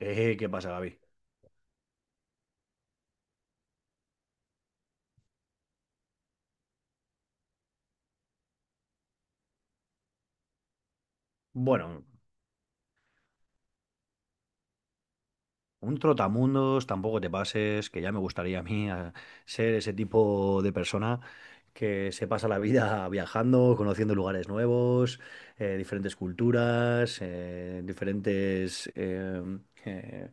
¿Qué pasa, Gaby? Bueno, un trotamundos, tampoco te pases, que ya me gustaría a mí a ser ese tipo de persona que se pasa la vida viajando, conociendo lugares nuevos, diferentes culturas, diferentes eh,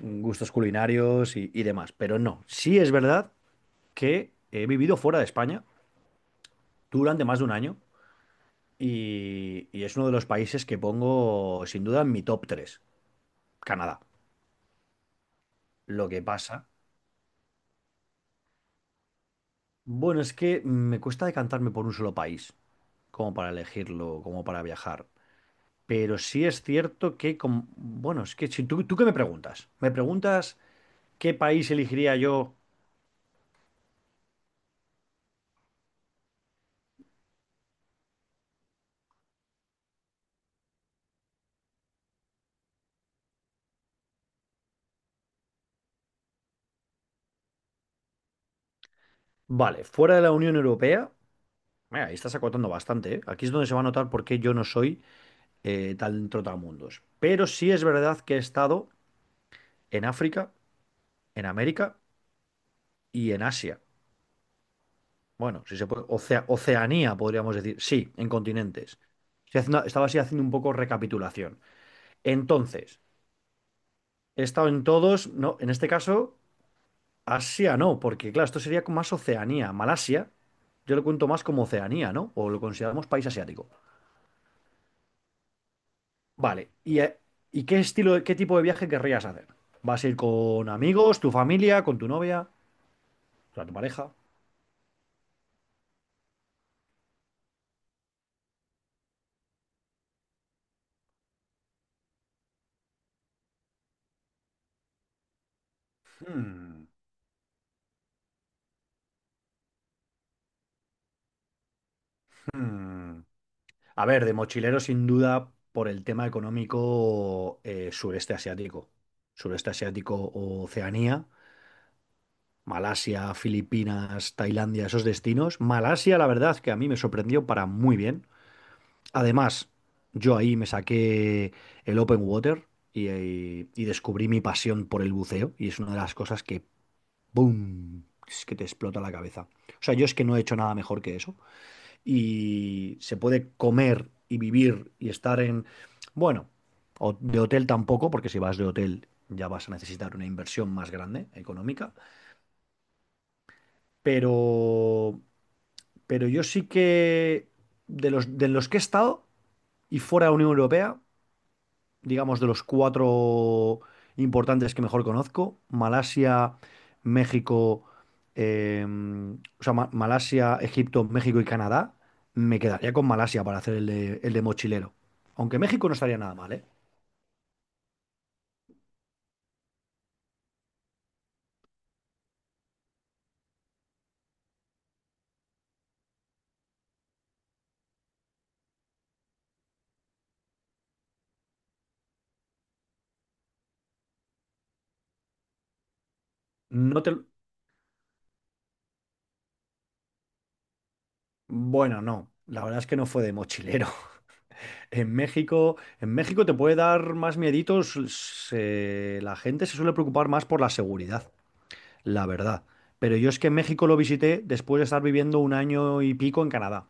gustos culinarios y demás. Pero no, sí es verdad que he vivido fuera de España durante más de un año y es uno de los países que pongo sin duda en mi top 3. Canadá. Lo que pasa. Bueno, es que me cuesta decantarme por un solo país, como para elegirlo, como para viajar. Pero sí es cierto que, bueno, es que si tú qué me preguntas qué país elegiría yo, vale, fuera de la Unión Europea, mira, ahí estás acotando bastante, ¿eh? Aquí es donde se va a notar por qué yo no soy tan trotamundos. Pero sí es verdad que he estado en África, en América y en Asia. Bueno, si se puede, Oceanía, podríamos decir, sí, en continentes. Estaba así haciendo un poco recapitulación. Entonces, he estado en todos, no, en este caso, Asia no, porque claro, esto sería más Oceanía. Malasia, yo lo cuento más como Oceanía, ¿no? O lo consideramos país asiático. Vale, ¿y qué tipo de viaje querrías hacer? ¿Vas a ir con amigos, tu familia, con tu novia, o sea, tu pareja? Hmm, hmm. A ver, de mochilero sin duda por el tema económico sureste asiático. Sureste asiático, o Oceanía, Malasia, Filipinas, Tailandia, esos destinos. Malasia, la verdad, que a mí me sorprendió para muy bien. Además, yo ahí me saqué el open water y descubrí mi pasión por el buceo. Y es una de las cosas que, ¡boom! Es que te explota la cabeza. O sea, yo es que no he hecho nada mejor que eso y se puede comer y vivir y estar en, bueno, de hotel tampoco, porque si vas de hotel ya vas a necesitar una inversión más grande económica, pero, pero yo sí que de los que he estado y fuera de la Unión Europea, digamos, de los cuatro importantes que mejor conozco, Malasia, México, eh, o sea, Malasia, Egipto, México y Canadá, me quedaría con Malasia para hacer el de mochilero. Aunque México no estaría nada mal, ¿eh? No te... lo- Bueno, no. La verdad es que no fue de mochilero. En México te puede dar más mieditos. La gente se suele preocupar más por la seguridad. La verdad. Pero yo es que México lo visité después de estar viviendo un año y pico en Canadá.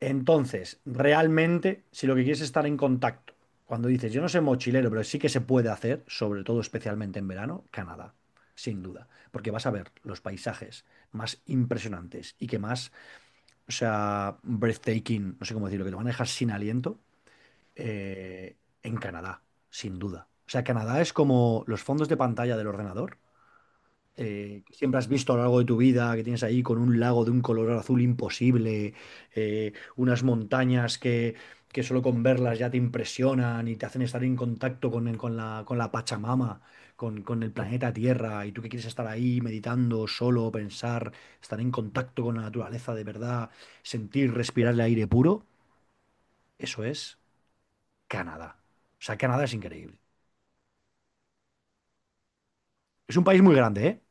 Entonces, realmente, si lo que quieres es estar en contacto, cuando dices, yo no soy mochilero, pero sí que se puede hacer, sobre todo especialmente en verano, Canadá, sin duda, porque vas a ver los paisajes más impresionantes y que más, o sea, breathtaking, no sé cómo decirlo, que te van a dejar sin aliento, eh, en Canadá, sin duda. O sea, Canadá es como los fondos de pantalla del ordenador siempre has visto a lo largo de tu vida, que tienes ahí con un lago de un color azul imposible, unas montañas que solo con verlas ya te impresionan y te hacen estar en contacto con la Pachamama, con el planeta Tierra, y tú que quieres estar ahí meditando, solo, pensar, estar en contacto con la naturaleza de verdad, sentir, respirar el aire puro, eso es Canadá. O sea, Canadá es increíble. Es un país muy grande, ¿eh?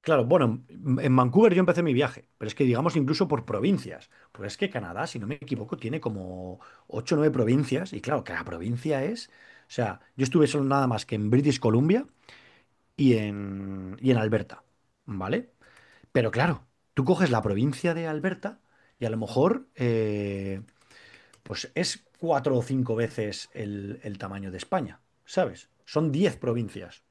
Claro, bueno, en Vancouver yo empecé mi viaje, pero es que digamos incluso por provincias, pues es que Canadá, si no me equivoco, tiene como 8 o 9 provincias, y claro, cada provincia es, o sea, yo estuve solo nada más que en British Columbia y en Alberta, ¿vale? Pero claro, tú coges la provincia de Alberta y a lo mejor, pues es cuatro o cinco veces el tamaño de España, ¿sabes? Son 10 provincias.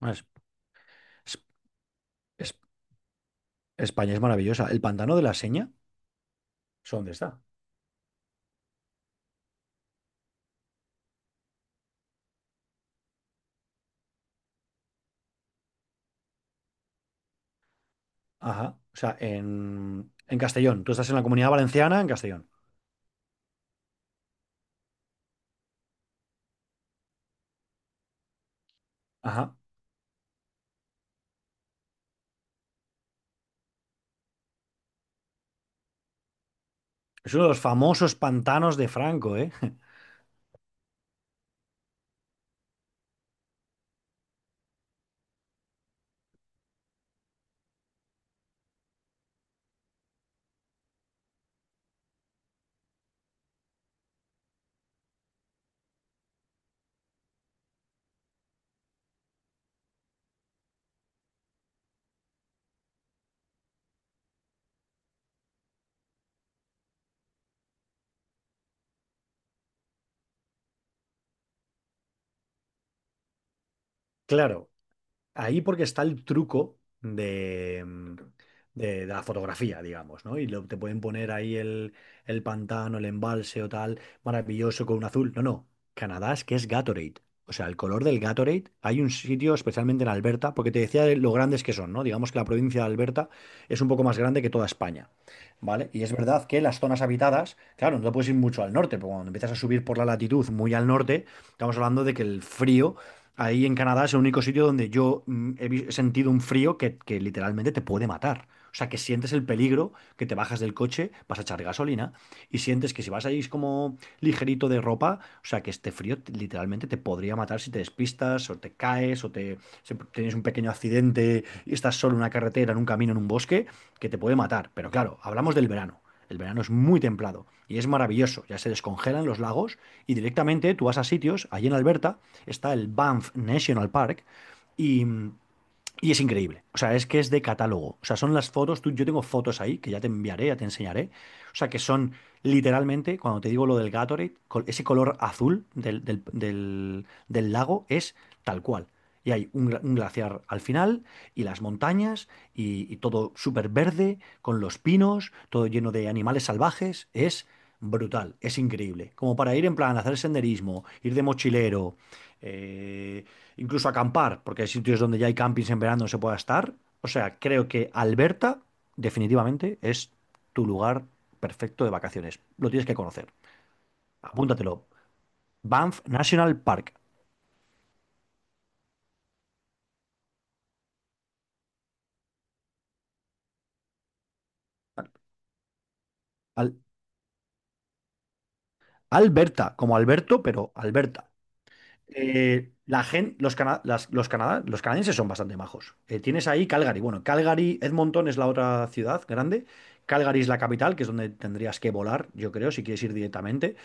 Bueno, es- es- España es maravillosa. El pantano de la Seña. ¿Eso dónde está? Ajá. O sea, en Castellón. Tú estás en la Comunidad Valenciana, en Castellón. Ajá. Es uno de los famosos pantanos de Franco, ¿eh? Claro. Ahí porque está el truco de, mm, de la fotografía, digamos, ¿no? Y te pueden poner ahí el pantano, el embalse o tal, maravilloso con un azul. No, no. Canadá es que es Gatorade. O sea, el color del Gatorade, hay un sitio, especialmente en Alberta, porque te decía de lo grandes que son, ¿no? Digamos que la provincia de Alberta es un poco más grande que toda España, ¿vale? Y es verdad que las zonas habitadas, claro, no te puedes ir mucho al norte, pero cuando empiezas a subir por la latitud muy al norte, estamos hablando de que el frío. Ahí en Canadá es el único sitio donde yo he sentido un frío que literalmente te puede matar. O sea, que sientes el peligro, que te bajas del coche, vas a echar gasolina y sientes que si vas ahí como ligerito de ropa, o sea, que este frío literalmente te podría matar si te despistas o te caes si tienes un pequeño accidente y estás solo en una carretera, en un camino, en un bosque, que te puede matar. Pero claro, hablamos del verano. El verano es muy templado y es maravilloso. Ya se descongelan los lagos y directamente tú vas a sitios, allí en Alberta está el Banff National Park y mm, y es increíble. O sea, es que es de catálogo. O sea, son las fotos. Tú, yo tengo fotos ahí que ya te enviaré, ya te enseñaré. O sea, que son literalmente, cuando te digo lo del Gatorade, ese color azul del lago es tal cual. Y hay un glaciar al final, y las montañas, y todo súper verde, con los pinos, todo lleno de animales salvajes. Es brutal, es increíble. Como para ir en plan, hacer senderismo, ir de mochilero, eh, incluso acampar, porque hay sitios donde ya hay campings en verano donde se pueda estar. O sea, creo que Alberta definitivamente es tu lugar perfecto de vacaciones. Lo tienes que conocer. Apúntatelo. Banff National Park. Al- Alberta, como Alberto, pero Alberta. La gen- los, cana- las- los, Canadá- Los canadienses son bastante majos. Tienes ahí Calgary. Bueno, Calgary, Edmonton es la otra ciudad grande. Calgary es la capital, que es donde tendrías que volar, yo creo, si quieres ir directamente.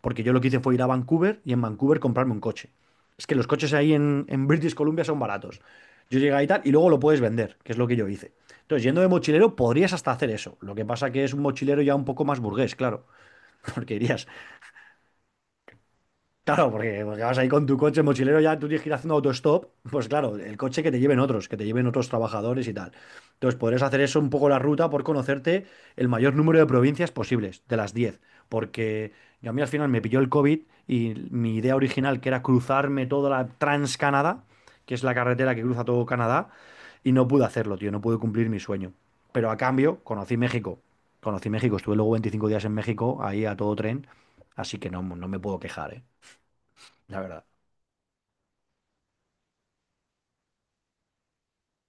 Porque yo lo que hice fue ir a Vancouver y en Vancouver comprarme un coche. Es que los coches ahí en British Columbia son baratos. Yo llegué ahí tal y luego lo puedes vender, que es lo que yo hice. Entonces, yendo de mochilero, podrías hasta hacer eso. Lo que pasa que es un mochilero ya un poco más burgués, claro. Porque irías Claro, porque vas ahí con tu coche mochilero, ya tú tienes que ir haciendo autostop, pues claro, el coche que te lleven otros, que te lleven otros trabajadores y tal. Entonces podrás hacer eso un poco la ruta por conocerte el mayor número de provincias posibles, de las 10, porque yo a mí al final me pilló el COVID y mi idea original, que era cruzarme toda la Trans-Canadá, que es la carretera que cruza todo Canadá, y no pude hacerlo, tío, no pude cumplir mi sueño. Pero a cambio, conocí México, estuve luego 25 días en México, ahí a todo tren, así que no, no me puedo quejar, ¿eh? La verdad.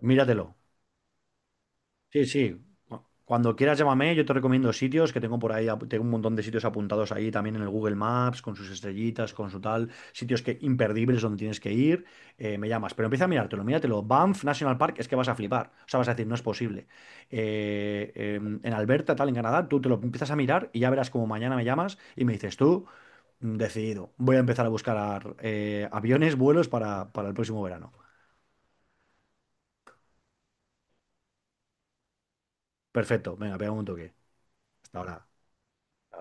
Míratelo. Sí, sí. Cuando quieras llámame, yo te recomiendo sitios que tengo por ahí, tengo un montón de sitios apuntados ahí también en el Google Maps, con sus estrellitas, con su tal, sitios que imperdibles donde tienes que ir, me llamas, pero empieza a mirártelo, míratelo. Banff National Park es que vas a flipar, o sea, vas a decir, no es posible. En Alberta, tal, en Canadá, tú te lo empiezas a mirar y ya verás como mañana me llamas y me dices tú, decidido, voy a empezar a buscar aviones, vuelos para el próximo verano. Perfecto, venga, pega un toque. Hasta ahora. Hasta ahora.